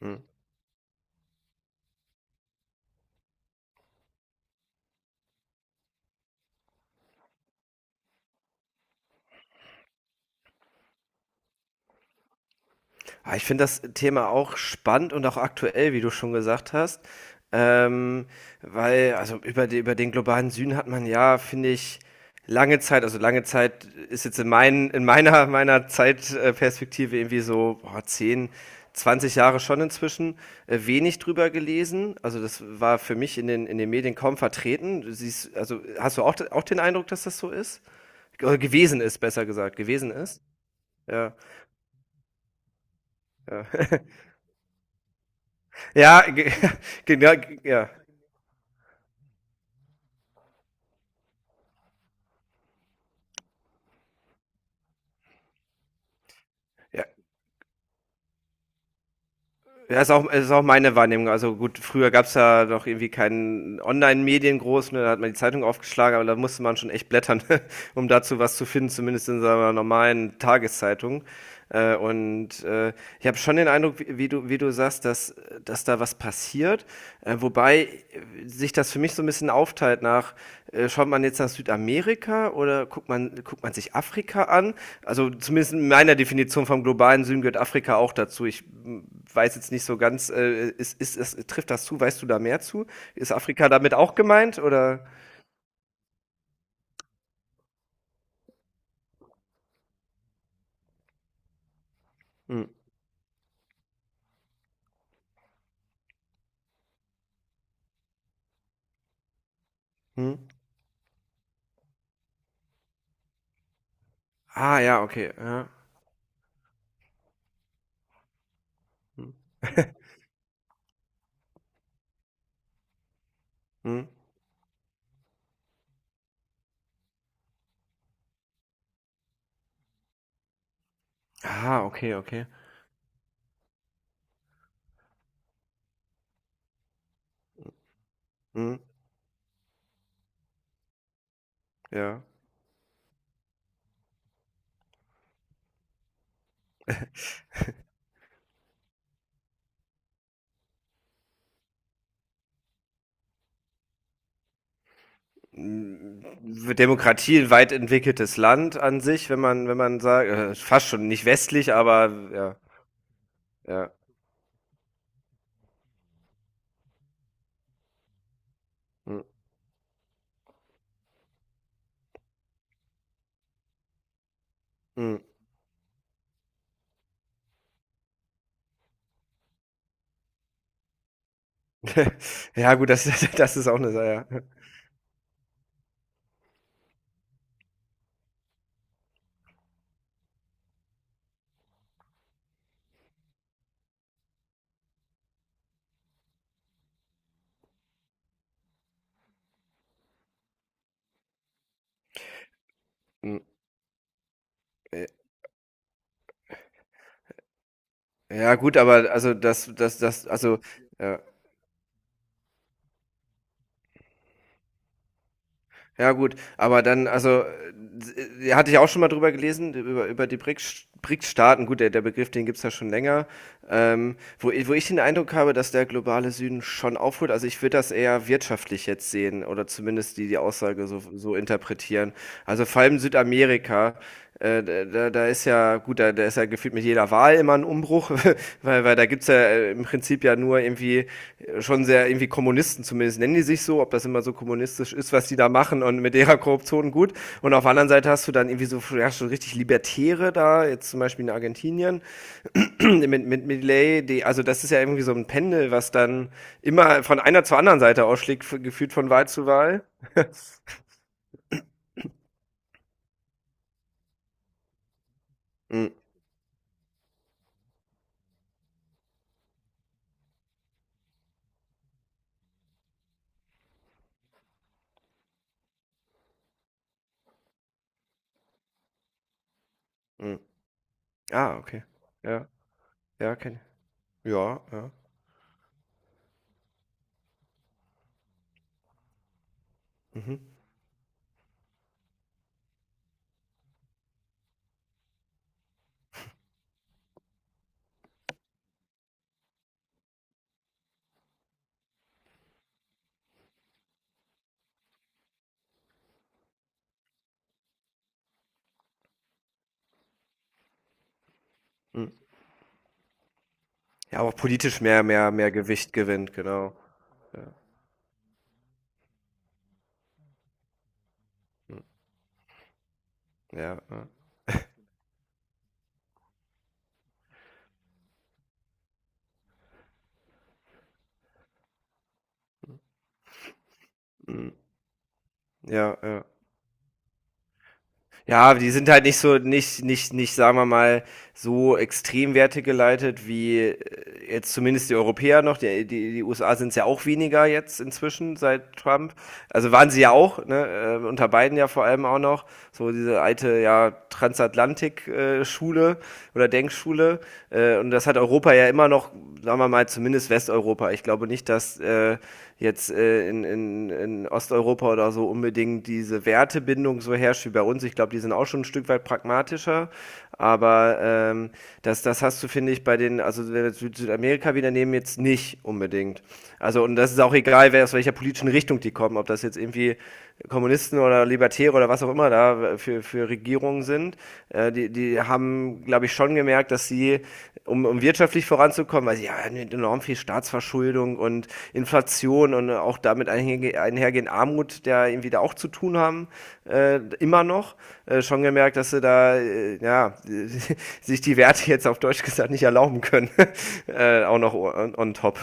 Mhm. Ah, ich finde das Thema auch spannend und auch aktuell, wie du schon gesagt hast. Ähm, Weil, über den globalen Süden hat man ja, finde ich, lange Zeit, also lange Zeit ist jetzt in meiner, meiner Zeitperspektive irgendwie so 10, 20 Jahre schon inzwischen wenig drüber gelesen. Also das war für mich in den Medien kaum vertreten. Du siehst, also hast du auch den Eindruck, dass das so ist? Oder gewesen ist, besser gesagt, gewesen ist? Ja, ja. Ja, ge- genau, ja. Ja, das ist das ist auch meine Wahrnehmung. Also gut, früher gab's ja noch irgendwie keinen Online-Medien groß, ne? Da hat man die Zeitung aufgeschlagen, aber da musste man schon echt blättern, um dazu was zu finden, zumindest in seiner normalen Tageszeitung. Äh, und äh, Ich habe schon den Eindruck, wie du sagst, dass da was passiert. Wobei sich das für mich so ein bisschen aufteilt nach: Schaut man jetzt nach Südamerika oder guckt man sich Afrika an? Also zumindest in meiner Definition vom globalen Süden gehört Afrika auch dazu. Weiß jetzt nicht so ganz, trifft das zu? Weißt du da mehr zu? Ist Afrika damit auch gemeint oder? Hm. Hm. Ah ja, okay. Ja. Mhm. Mhm. Ah, okay, okay. Mhm. Ja. Hm, Demokratie, ein weit entwickeltes Land an sich, wenn wenn man sagt, fast schon nicht westlich, aber ja, ja. Mhm. Mhm. Ja, gut, das, das ist auch eine Sache. Ja, mhm. Ja, gut, aber also also, ja. Ja, gut, aber dann, hatte ich auch schon mal drüber gelesen, über die BRICS-Staaten. Gut, der Begriff, den gibt's ja schon länger. Wo ich den Eindruck habe, dass der globale Süden schon aufholt. Also, ich würde das eher wirtschaftlich jetzt sehen oder zumindest die Aussage so interpretieren. Also, vor allem Südamerika da ist ja, gut, da ist ja gefühlt mit jeder Wahl immer ein Umbruch, weil da gibt's ja im Prinzip ja nur irgendwie schon sehr irgendwie Kommunisten, zumindest nennen die sich so, ob das immer so kommunistisch ist, was die da machen und mit ihrer Korruption, gut. Und auf der anderen Seite hast du dann irgendwie so, ja, schon richtig Libertäre da, jetzt zum Beispiel in Argentinien, mit Milley, die, also das ist ja irgendwie so ein Pendel, was dann immer von einer zur anderen Seite ausschlägt, gefühlt von Wahl zu Wahl. Mm, mm. Ah, okay. Ja, ja, kenn ich. Ja, ja. Mhm. Mhm. Ja, aber politisch mehr Gewicht gewinnt, genau. Ja, ja. Mhm. Ja, ja. Ja, die sind halt nicht so nicht, sagen wir mal, so extrem Werte geleitet, wie jetzt zumindest die Europäer noch. Die USA sind es ja auch weniger jetzt inzwischen seit Trump. Also waren sie ja auch, ne, unter Biden ja vor allem auch noch. So diese alte, ja, Transatlantik-Schule oder Denkschule. Und das hat Europa ja immer noch, sagen wir mal, zumindest Westeuropa. Ich glaube nicht, dass in Osteuropa oder so unbedingt diese Wertebindung so herrscht wie bei uns. Ich glaube, die sind auch schon ein Stück weit pragmatischer. Aber das, hast du, finde ich, bei den, also wenn wir jetzt Südamerika wieder nehmen, jetzt nicht unbedingt. Also, und das ist auch egal, wer aus welcher politischen Richtung die kommen, ob das jetzt irgendwie Kommunisten oder Libertäre oder was auch immer da für Regierungen sind. Die haben, glaube ich, schon gemerkt, dass sie, um wirtschaftlich voranzukommen, weil sie haben enorm viel Staatsverschuldung und Inflation und auch damit einhergehend Armut, der irgendwie da auch zu tun haben, immer noch. Schon gemerkt, dass sie da, ja, sich die Werte jetzt auf Deutsch gesagt nicht erlauben können. Auch noch on, on top.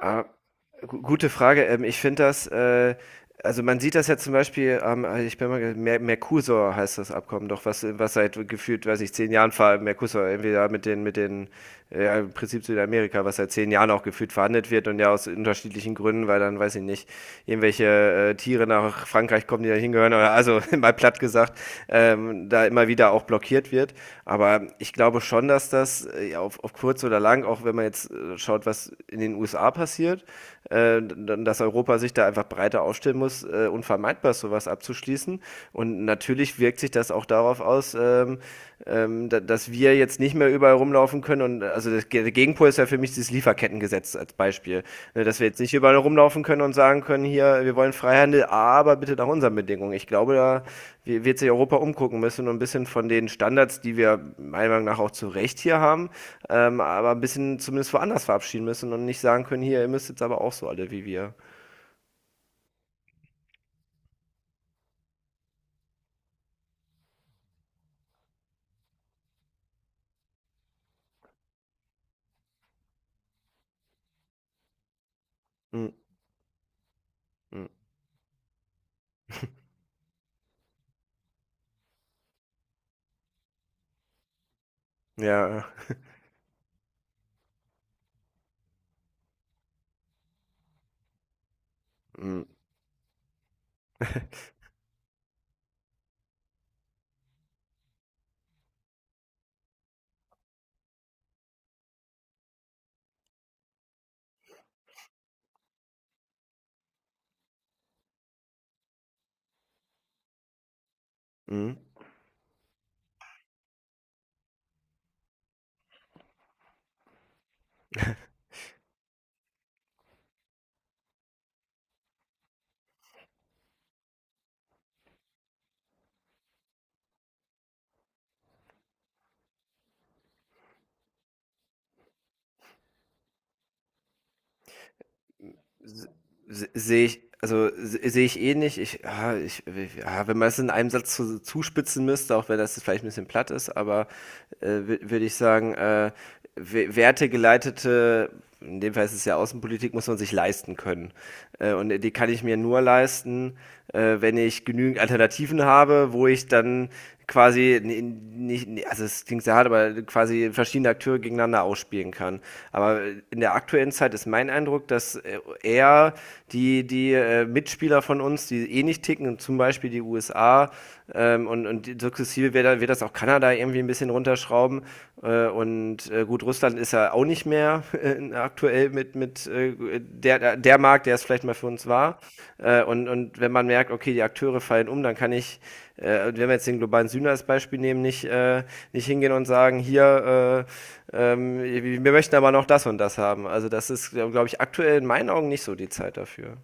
Ah, gute Frage. Ich finde das: Also man sieht das ja zum Beispiel, ich bin mal, Mercosur heißt das Abkommen doch, was seit gefühlt, weiß ich, 10 Jahren ver Mercosur, entweder ja, im Prinzip Südamerika, was seit 10 Jahren auch gefühlt verhandelt wird und ja aus unterschiedlichen Gründen, weil dann, weiß ich nicht, irgendwelche Tiere nach Frankreich kommen, die da hingehören oder also, mal platt gesagt, da immer wieder auch blockiert wird. Aber ich glaube schon, dass das ja, auf kurz oder lang, auch wenn man jetzt schaut, was in den USA passiert, dass Europa sich da einfach breiter aufstellen muss, unvermeidbar sowas abzuschließen. Und natürlich wirkt sich das auch darauf aus, dass wir jetzt nicht mehr überall rumlaufen können. Und also das, der Gegenpol ist ja für mich dieses Lieferkettengesetz als Beispiel. Ne, dass wir jetzt nicht überall rumlaufen können und sagen können: Hier, wir wollen Freihandel, aber bitte nach unseren Bedingungen. Ich glaube, da wird sich Europa umgucken müssen und ein bisschen von den Standards, die wir meiner Meinung nach auch zu Recht hier haben, aber ein bisschen zumindest woanders verabschieden müssen und nicht sagen können: Hier, ihr müsst jetzt aber auch so alle wie wir. Mhm. Mhm. Ja, mhm. Mhm. Se- Sehe ich, sehe ich eh nicht. Ja, wenn man es in einem Satz zuspitzen müsste, auch wenn das jetzt vielleicht ein bisschen platt ist, aber äh, würde ich sagen, wertegeleitete, in dem Fall ist es ja Außenpolitik, muss man sich leisten können. Und die kann ich mir nur leisten, wenn ich genügend Alternativen habe, wo ich sich dann quasi nicht, also es klingt sehr hart, aber quasi verschiedene Akteure gegeneinander ausspielen kann. Aber in der aktuellen Zeit ist mein Eindruck, dass eher die Mitspieler von uns, die eh nicht ticken, zum Beispiel die USA, und sukzessive wird das auch Kanada irgendwie ein bisschen runterschrauben gut, Russland ist ja auch nicht mehr aktuell der Markt, der es vielleicht mal für uns war. Und wenn man merkt, okay, die Akteure fallen um, dann kann ich, wenn wir jetzt den globalen Süden als Beispiel nehmen, nicht hingehen und sagen: Hier, wir möchten aber noch das und das haben. Also das ist, glaube ich, aktuell in meinen Augen nicht so die Zeit dafür.